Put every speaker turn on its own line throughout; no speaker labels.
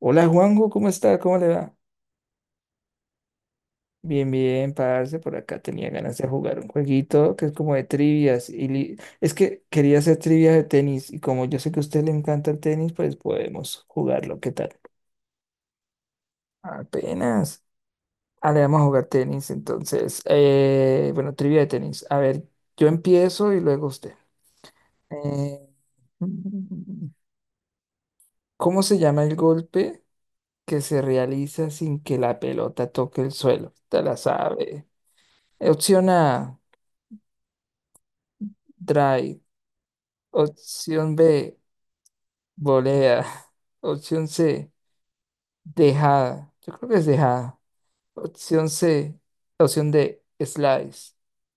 Hola Juanjo, ¿cómo está? ¿Cómo le va? Bien, bien, parce, por acá tenía ganas de jugar un jueguito que es como de trivias. Es que quería hacer trivias de tenis y como yo sé que a usted le encanta el tenis, pues podemos jugarlo, ¿qué tal? Apenas. Ah, le vamos a jugar tenis, entonces. Bueno, trivia de tenis. A ver, yo empiezo y luego usted. Eh, mm, ¿cómo se llama el golpe que se realiza sin que la pelota toque el suelo? Te la sabe. Opción A. Drive. Opción B, volea. Opción C, dejada. Yo creo que es dejada. Opción C, Opción D, slice.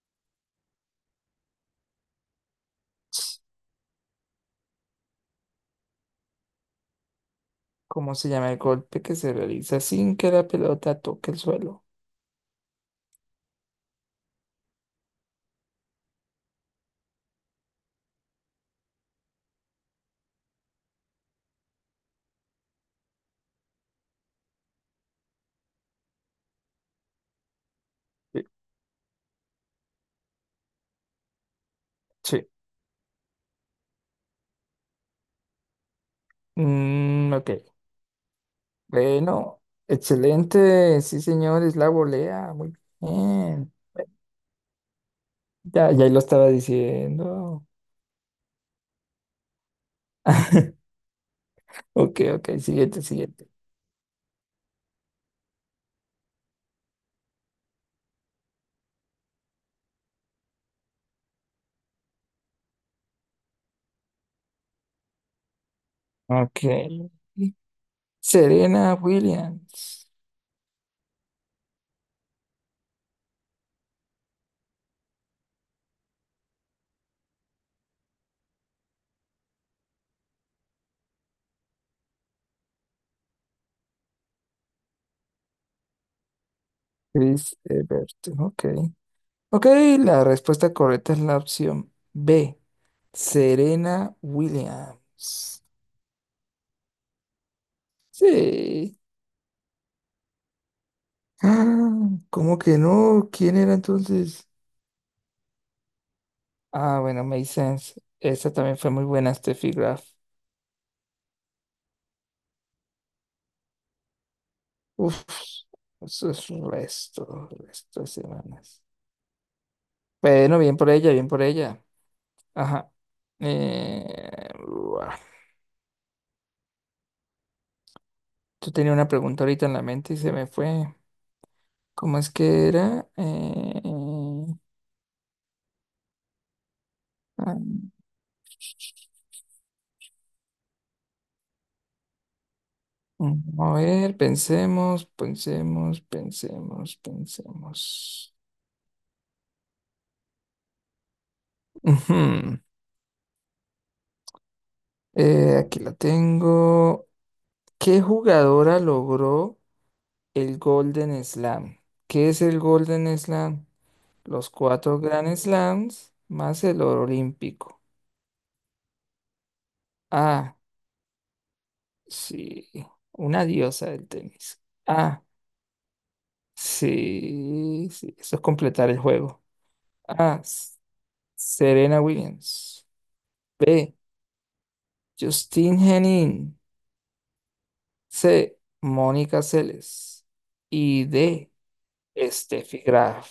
¿Cómo se llama el golpe que se realiza sin que la pelota toque el suelo? Sí. Sí. Mm, ok. Bueno, excelente. Sí, señor, es la volea. Muy bien. Ya lo estaba diciendo. Ok, ok, siguiente, siguiente. Ok. Serena Williams. Chris Evert. Ok. Ok, la respuesta correcta es la opción B. Serena Williams. Sí. Ah, ¿cómo que no? ¿Quién era entonces? Ah, bueno, makes sense. Esa también fue muy buena, Steffi Graf. Uf, eso es resto, resto de semanas. Bueno, bien por ella, bien por ella. Ajá. Buah. Yo tenía una pregunta ahorita en la mente y se me fue. ¿Cómo es que era? Ah, a ver, pensemos, pensemos, pensemos, pensemos. Ujú. Aquí la tengo. ¿Qué jugadora logró el Golden Slam? ¿Qué es el Golden Slam? Los cuatro Grand Slams más el oro olímpico. A. Sí, una diosa del tenis. Ah, sí, sí, eso es completar el juego. A, S- Serena Williams. B, Justine Henin. C, Mónica Seles. Y D, Steffi Graf.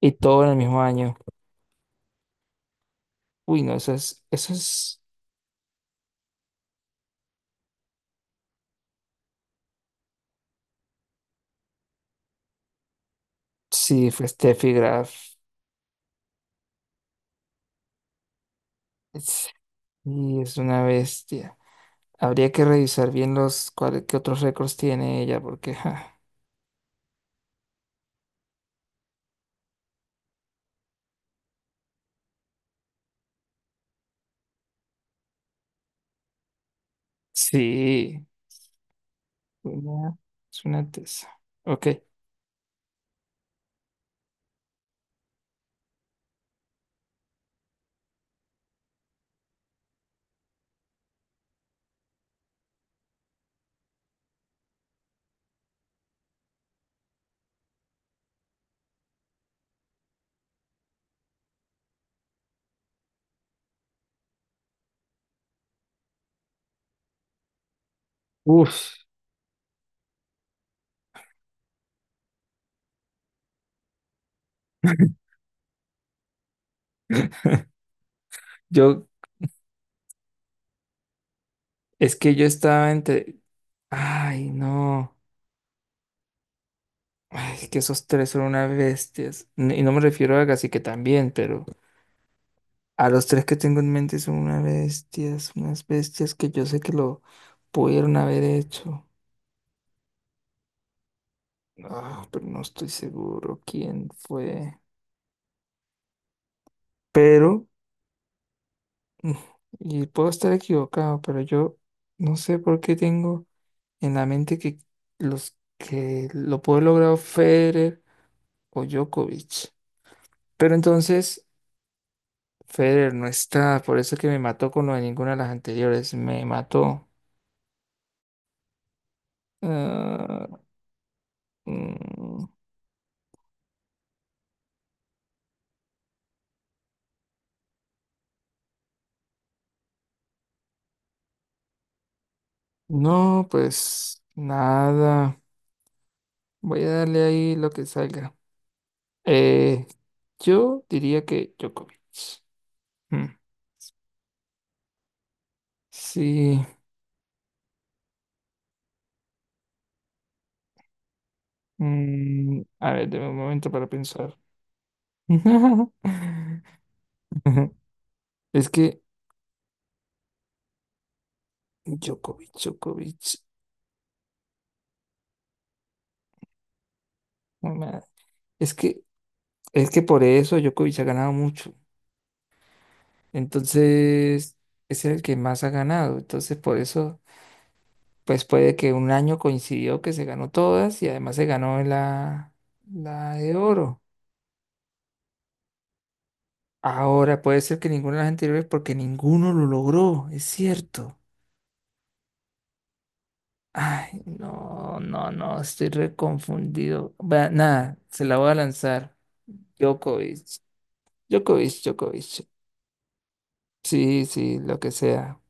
Y todo en el mismo año. Uy, no, eso es, sí, fue Steffi Graf. Es- Y es una bestia. Habría que revisar bien los, cuáles, qué otros récords tiene ella, porque, ja, sí. Una, es una tesa. Ok. Uf. Yo, es que yo estaba entre. Ay, no. Ay, es que esos tres son unas bestias. Y no me refiero a Gassi que también, pero a los tres que tengo en mente son unas bestias que yo sé que lo pudieron haber hecho. Ah, pero no estoy seguro quién fue. Pero, mm, y puedo estar equivocado, pero yo no sé por qué tengo. En la mente que los que lo puede lograr Federer o Djokovic. Pero entonces Federer no está, por eso es que me mató con lo de ninguna de las anteriores, me mató. Ah, mm, no, pues nada, voy a darle ahí lo que salga. Eh, yo diría que Djokovic. Mm, sí, a ver, deme un momento para pensar. Es que Djokovic, Djokovic. ma- Es que, es que por eso Djokovic ha ganado mucho. Entonces, es el que más ha ganado. Entonces, por eso, pues puede que un año coincidió que se ganó todas y además se ganó la, la de oro. Ahora puede ser que ninguna de las anteriores porque ninguno lo logró, es cierto. Ay, no, no, no, estoy reconfundido. Va, nada, se la voy a lanzar. Djokovic, Djokovic, Djokovic. Sí, sí, lo que sea.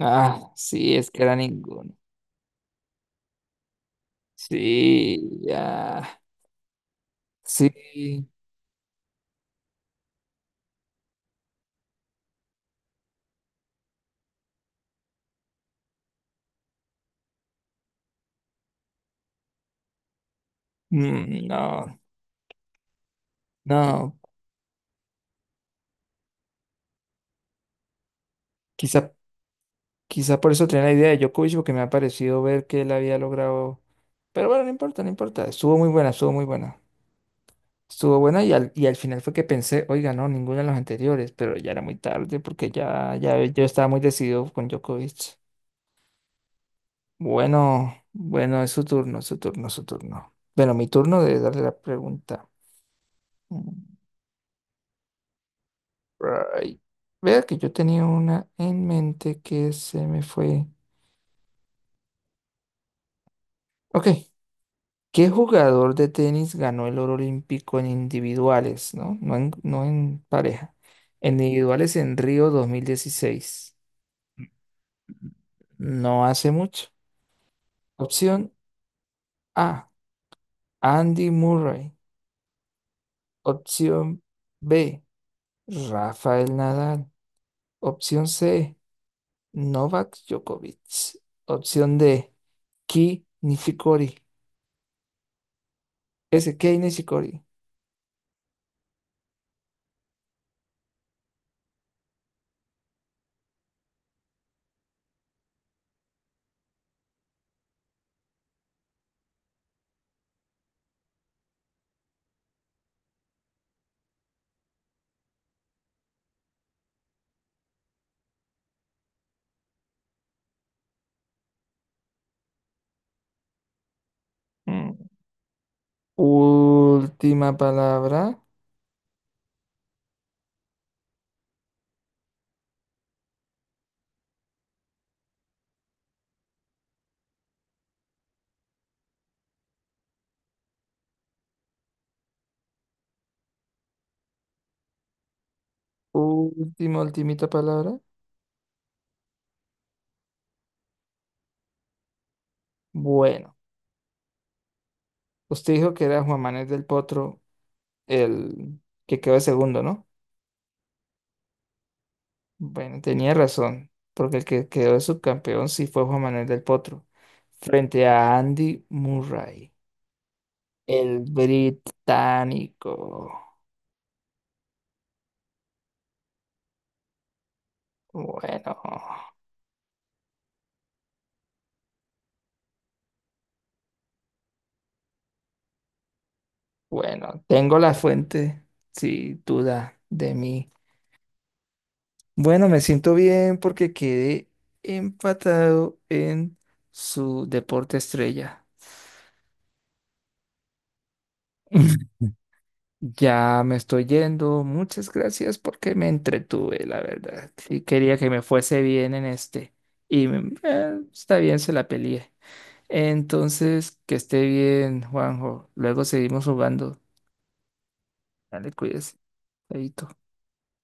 Ah, sí, es que era ninguno. Sí, ya. Sí. Mm, no, no. Quizá, quizá por eso tenía la idea de Djokovic, porque me ha parecido ver que él había logrado. Pero bueno, no importa, no importa. Estuvo muy buena, estuvo muy buena. Estuvo buena y y al final fue que pensé, oiga, no, ninguna de las anteriores, pero ya era muy tarde porque ya yo estaba muy decidido con Djokovic. Bueno, bueno, es su turno, su turno, su turno. Bueno, mi turno de darle la pregunta. Mm, right. Vea que yo tenía una en mente que se me fue. Ok, ¿qué jugador de tenis ganó el oro olímpico en individuales, no? No en pareja. En individuales en Río 2016. No hace mucho. Opción A, Andy Murray. Opción B, Rafael Nadal. Opción C. Novak Djokovic. Opción D, Ki Nishikori. S. K. Nishikori. Mm. Última palabra. Última, ultimita palabra. Bueno, usted dijo que era Juan Manuel del Potro el que quedó de segundo, ¿no? Bueno, tenía razón, porque el que quedó de subcampeón sí fue Juan Manuel del Potro, frente a Andy Murray, el británico. Bueno. Bueno, tengo la fuente, sin duda, de mí. Bueno, me siento bien porque quedé empatado en su deporte estrella. Ya me estoy yendo. Muchas gracias porque me entretuve, la verdad. Y quería que me fuese bien en este. Está bien, se la peleé. Entonces, que esté bien, Juanjo. Luego seguimos jugando. Dale, cuídese. Chaito.